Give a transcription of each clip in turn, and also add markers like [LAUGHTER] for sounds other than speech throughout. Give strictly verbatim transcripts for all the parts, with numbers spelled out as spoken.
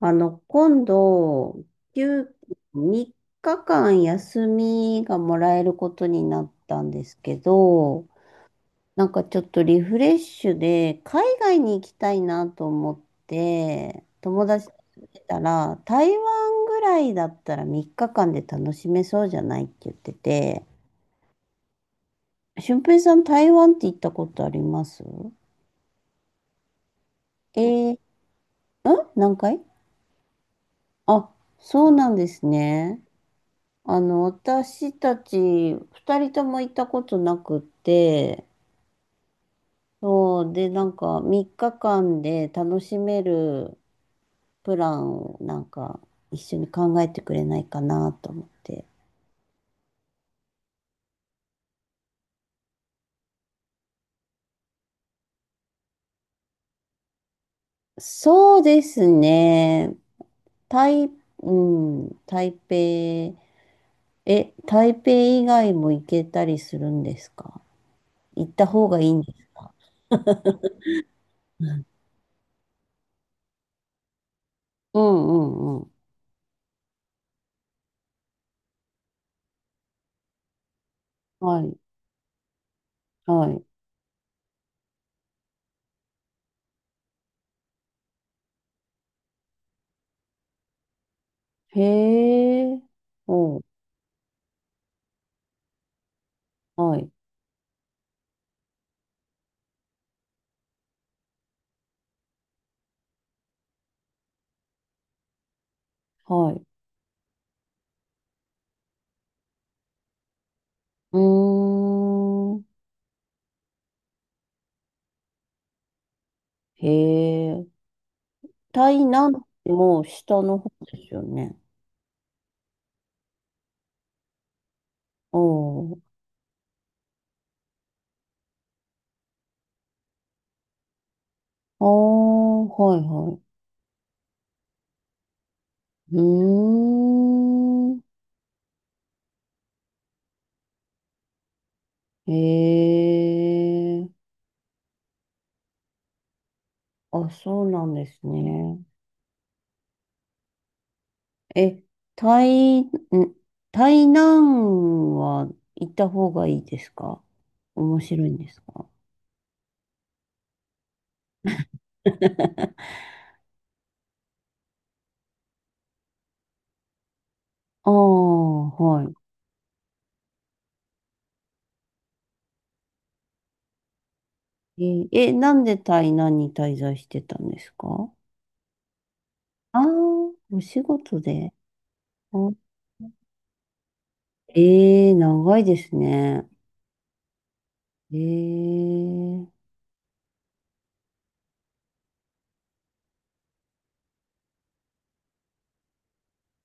あの、今度、休さんにちかん休みがもらえることになったんですけど、なんかちょっとリフレッシュで、海外に行きたいなと思って、友達と言ってたら、台湾ぐらいだったらさんにちかんで楽しめそうじゃないって言ってて、俊平さん、台湾って行ったことあります？えー、ん何回？あ、そうなんですね。あの、私たち二人とも行ったことなくって、そう、で、なんかさんにちかんで楽しめるプランをなんか一緒に考えてくれないかなと思って。そうですね。台、うん、台北。え、台北以外も行けたりするんですか？行った方がいいんですか？うんうんうん。はい、はい。へえ、おう、はい、はい。うーん。へえ。台南ってもう下の方ですよね。おー。ああ、はいはい。うーん。へえ。あ、そうなんですね。え、台、ん、台南は行った方がいいですか？面白いんですか？ [LAUGHS] ああ、はい。え、えなんで台南に滞在してたんですか？ああ、お仕事で。あええ長いですね。ええ、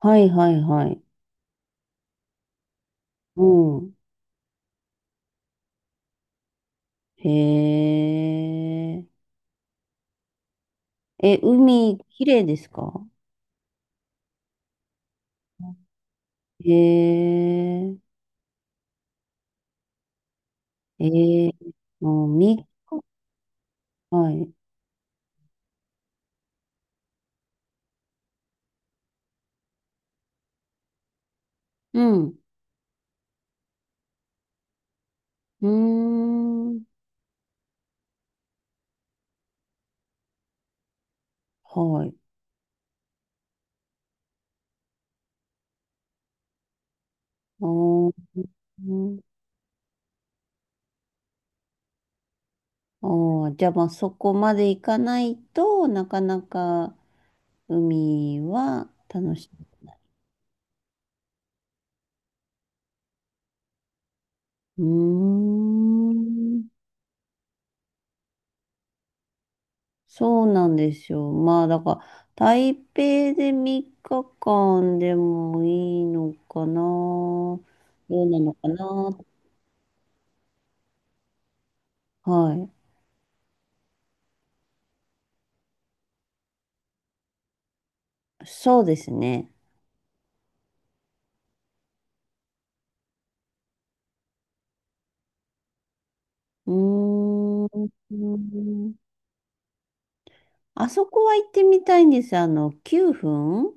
はいはいはい。うん。へえ。え、海、綺麗ですか？へえええ、もう、みはい。うん。うーん。はい。おー、うん、おー、じゃあまあそこまで行かないとなかなか海は楽しい。うーん。そうなんですよ。まあ、だから、台北でさんにちかんでもいいのかな。どうなのかな。はい。そうですね。うーん。あそこは行ってみたいんです。あの、きゅうふん、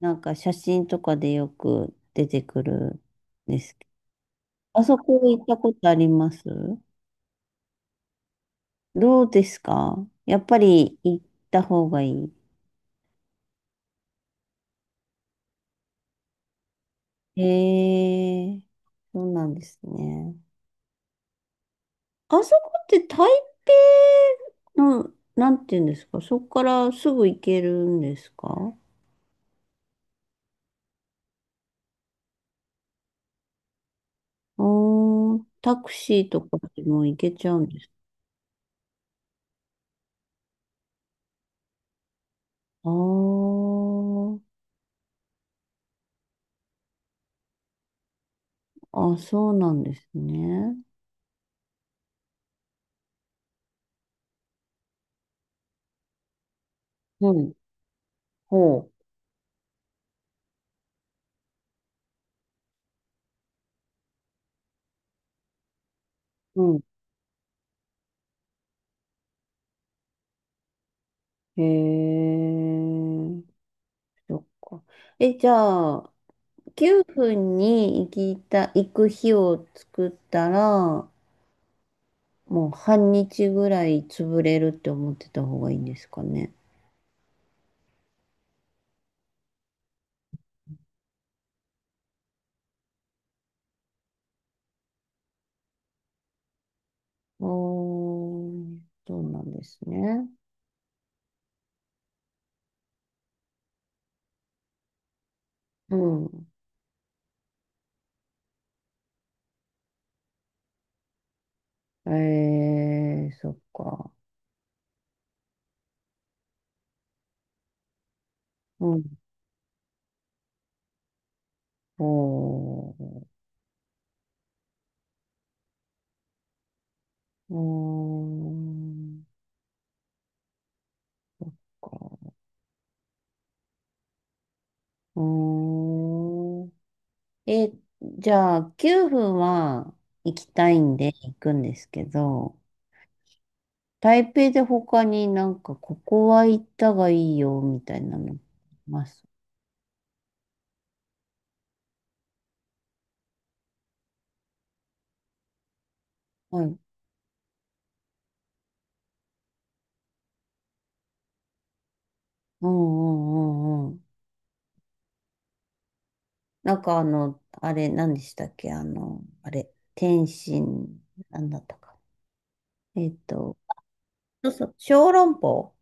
なんか写真とかでよく出てくるんですけど。あそこ行ったことあります？どうですか？やっぱり行った方がいい？ええ、そうなんですね。あそこって台北の、なんていうんですか、そこからすぐ行けるんですか？あータクシーとかでも行けちゃうんですか？あーあ、そうなんですね。うん、ほう。うん。へえ、そっか。え、じゃあ、きゅうふんに行きた、行く日を作ったら、もう半日ぐらい潰れるって思ってた方がいいんですかね。おー、そうなんですね。うん。えー、そっか。うん。おー、うーん、か。うーん。え、じゃあ、きゅうふんは行きたいんで行くんですけど、台北で他になんか、ここは行ったがいいよ、みたいなの、ます。はい。うんうんうんうん。なんか、あの、あれ、何でしたっけ？あの、あれ、天津、何だったか。えっと、そうそう、小籠包。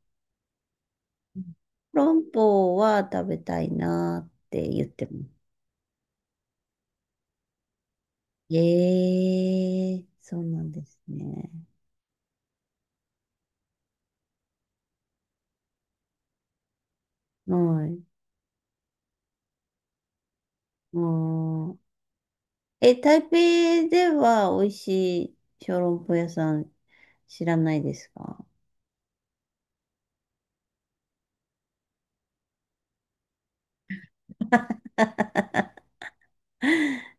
小籠包は食べたいなーって言ってます。ええ、そうなんですね。はい。もう、え、台北では美味しい小籠包屋さん知らないですか？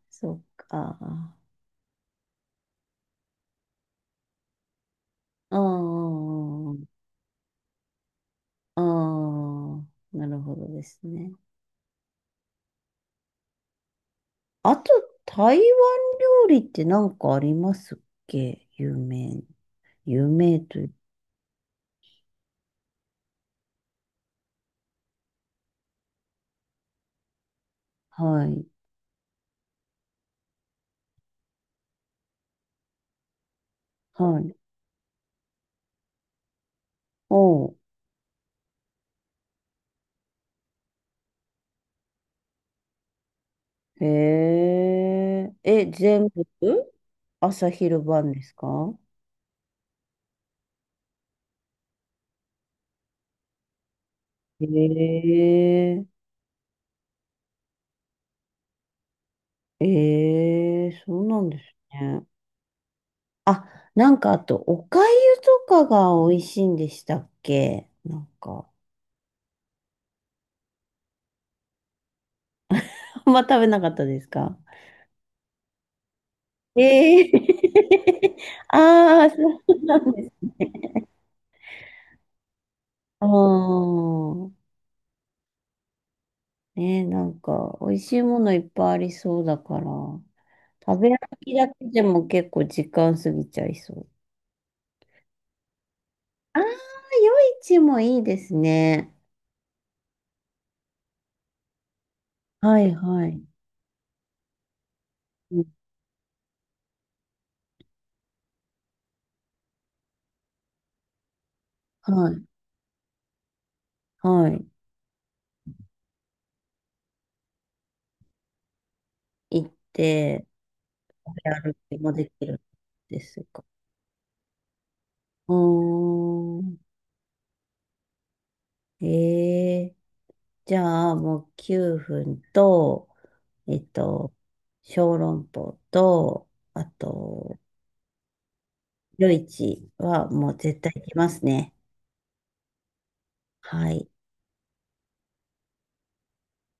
そっか。ああ、ああ、なるほどですね。あと、台湾料理って何かありますっけ、有名。有名という。はい。はい。おう。へえ。え、全部朝昼晩ですか？へえ。ええ、そうなんですね。あ、なんかあと、お粥とかが美味しいんでしたっけ、なんか。あんま食べなかったですか？ええ。[LAUGHS] ああ、そうなんですね。ああ、ね、なんか、美味しいものいっぱいありそうだから、食べ歩きだけでも結構時間過ぎちゃいそう。ああ、夜市もいいですね。はいはい。うん、はい、はい。行って、食べ歩きもできるんですか。うーん。ええ、じゃあ、もうきゅうふんと、えっと、小籠包と、あと、夜市はもう絶対行きますね。はい。